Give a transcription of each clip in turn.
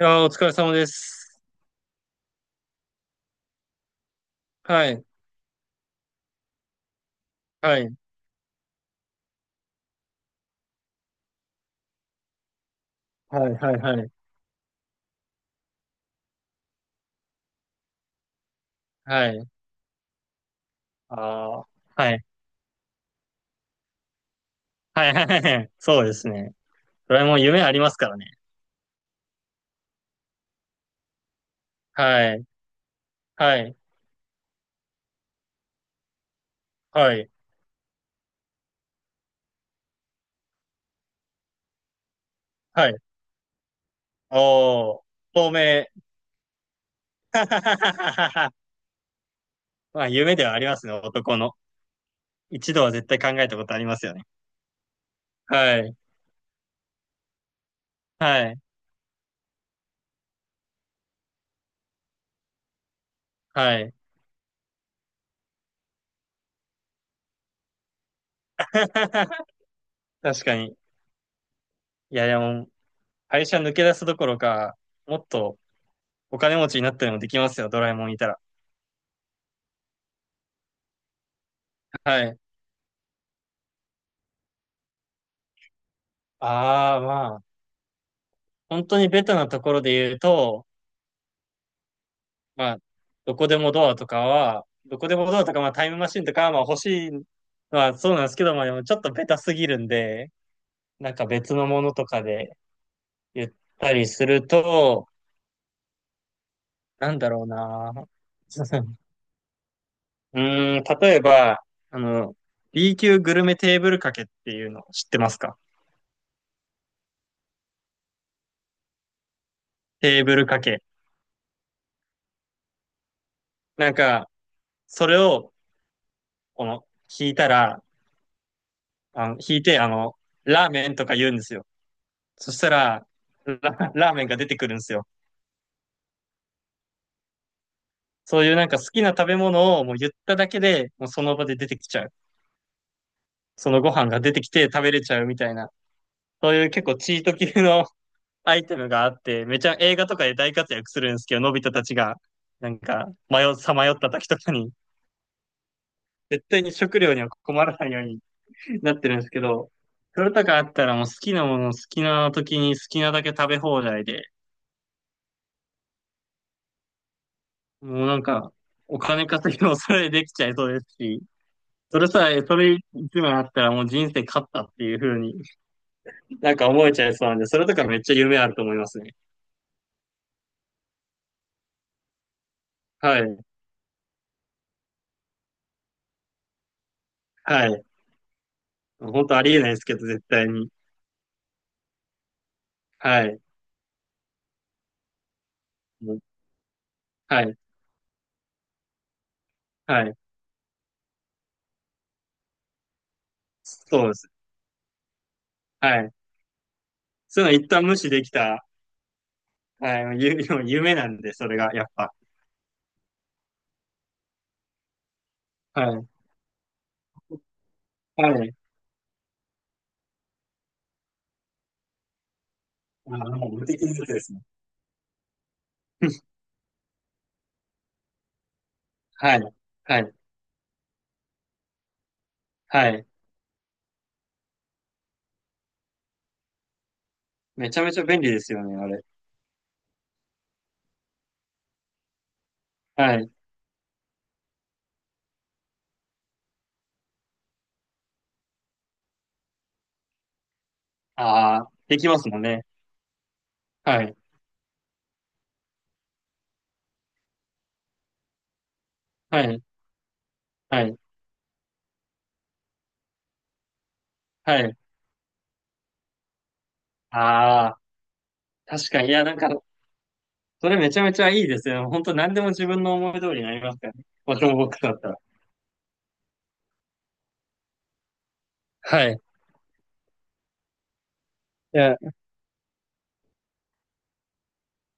いやー、お疲れ様です。はい。はい。はい。はい。はい。はい。ああ。はい。はい。はいはい。そうですね。ドラえもん夢ありますからね。はい。はい。はい。はい。おー。透明。はははははまあ、夢ではありますね、男の。一度は絶対考えたことありますよね。はい。はい。はい。確かに。いや、でも、会社抜け出すどころか、もっとお金持ちになったりもできますよ、ドラえもんいたら。はい。ああ、まあ。本当にベタなところで言うと、まあ、どこでもドアとかは、どこでもドアとか、まあ、タイムマシンとかは、まあ、欲しいのはそうなんですけど、まあ、でもちょっとベタすぎるんで、別のものとかで言ったりすると、なんだろうな。うーん、例えば、あの、B 級グルメテーブルかけっていうの知ってますか？テーブルかけ。なんか、それを、この、引いたら、引いて、ラーメンとか言うんですよ。そしたら、ラ、ラーメンが出てくるんですよ。そういう好きな食べ物をもう言っただけで、もうその場で出てきちゃう。そのご飯が出てきて食べれちゃうみたいな。そういう結構チート級の アイテムがあって、めちゃ映画とかで大活躍するんですけど、のび太たちが、さまよった時とかに、絶対に食料には困らないようになってるんですけど、それとかあったらもう好きなもの好きな時に好きなだけ食べ放題で、もうお金稼ぎもそれでできちゃいそうですし、それ一枚あったらもう人生勝ったっていう風に思えちゃいそうなんで、それとかめっちゃ夢あると思いますね。はい。はい。本当ありえないですけど、絶対に。はい。もうはい。はい。そうです。はい。そういうの一旦無視できた、はい、夢なんで、それが、やっぱ。はい。はい。あ、もう無敵のやつですね。はい。はい。はい。めちゃめちゃ便利ですよね、あれ。はい。ああ、できますもんね。はい。はい。はい。はい。ああ。確かに。いや、なんか、それめちゃめちゃいいですよ。本当何でも自分の思い通りになりますからね。ボトムボックスだったら。はい。いや、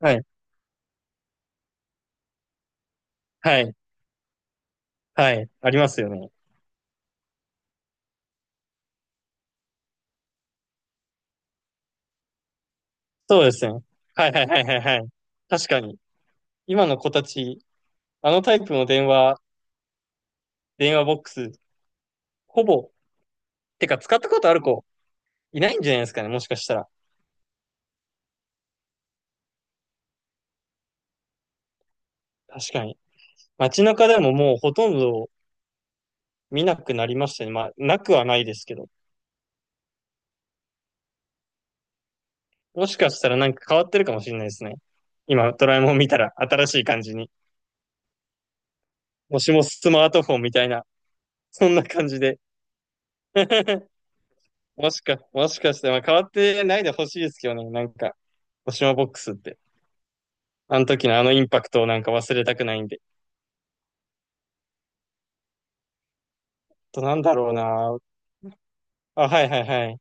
はい。はい。はい。ありますよね。そうですね。はいはいはいはいはい。確かに。今の子たち、あのタイプの電話、電話ボックス、ほぼ、てか使ったことある子、いないんじゃないですかね。もしかしたら。確かに。街中でももうほとんど見なくなりましたね。まあ、なくはないですけど。もしかしたらなんか変わってるかもしれないですね。今、ドラえもん見たら新しい感じに。もしもスマートフォンみたいな、そんな感じで。もしかして、まあ、変わってないでほしいですけどね、なんか、もしもボックスって。あの時のあのインパクトをなんか忘れたくないんで。あと、なんだろうな。あ、はいはいはい。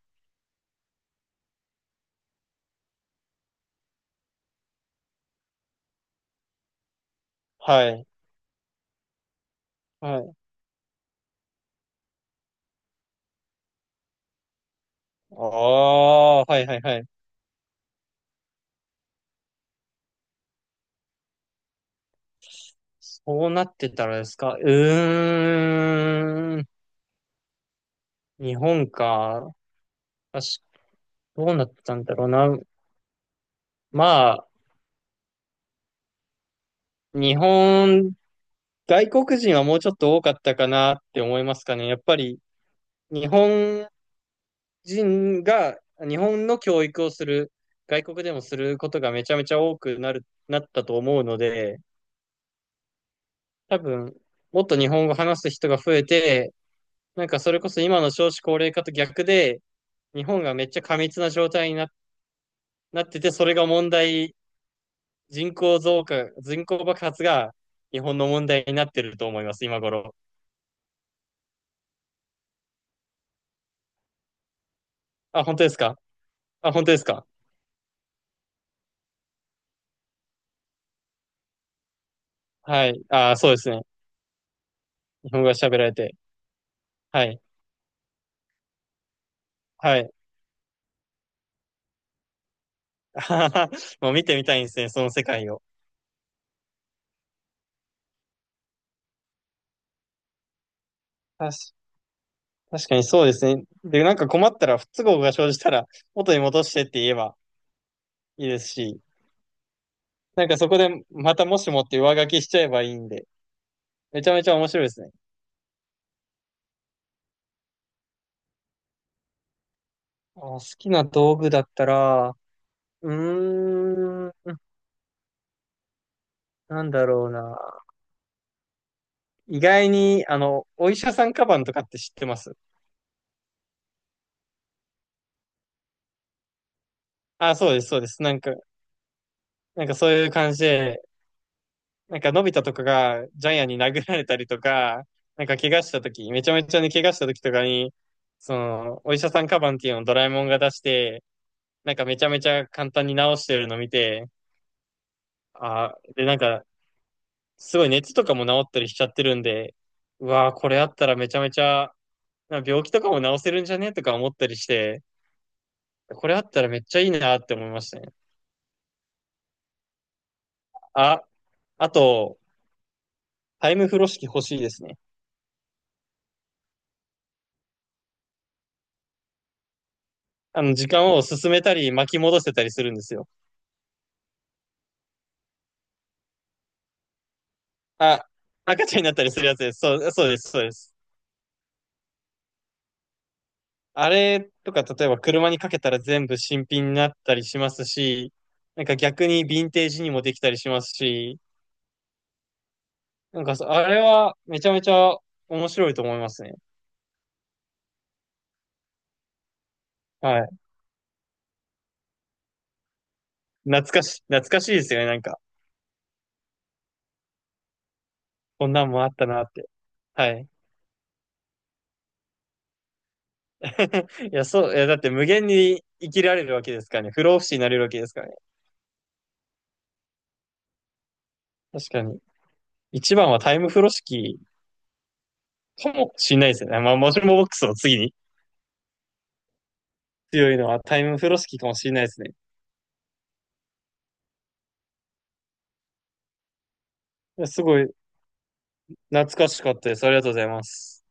はい。はい。ああ、はいはいはい。そうなってたらですか？うーん。日本か。あし、どうなってたんだろうな。まあ、日本、外国人はもうちょっと多かったかなって思いますかね。やっぱり、日本人が、日本の教育をする、外国でもすることがめちゃめちゃ多くなる、なったと思うので、多分、もっと日本語話す人が増えて、なんかそれこそ今の少子高齢化と逆で、日本がめっちゃ過密な状態なってて、それが問題、人口増加、人口爆発が日本の問題になってると思います、今頃。あ、本当ですか？あ、本当ですか？はい。あ、そうですね。日本語が喋られて。はい。はい。もう見てみたいんですね、その世界を。確確かにそうですね。で、なんか困ったら不都合が生じたら元に戻してって言えばいいですし、なんかそこでまたもしもって上書きしちゃえばいいんで、めちゃめちゃ面白いですね。あ好きな道具だったら、うーん、なんだろうな。意外に、あの、お医者さんカバンとかって知ってますあ、そうです、そうです。なんか、なんかそういう感じで、のび太とかがジャイアンに殴られたりとか、なんか、怪我した時めちゃめちゃに怪我した時とかに、その、お医者さんカバンっていうのをドラえもんが出して、なんかめちゃめちゃ簡単に治してるの見て、あで、なんか、すごい熱とかも治ったりしちゃってるんで、うわー、これあったらめちゃめちゃ、なんか病気とかも治せるんじゃねとか思ったりして、これあったらめっちゃいいなって思いましたね。あ、あと、タイム風呂敷欲しいですね。あの、時間を進めたり巻き戻せたりするんですよ。あ、赤ちゃんになったりするやつです。そう、そうです、そうです。あれとか、例えば車にかけたら全部新品になったりしますし、なんか逆にヴィンテージにもできたりしますし、なんかあれはめちゃめちゃ面白いと思いますね。はい。懐かしいですよね、なんか。こんなんもあったなって。はい。いや、そう、いや、だって無限に生きられるわけですからね。不老不死になれるわけですからね。確かに。一番はタイム風呂敷かもしれないですよね。まあ、もしもボックスを次に。強いのはタイム風呂敷かもしれないですね。すごい懐かしかったです。ありがとうございます。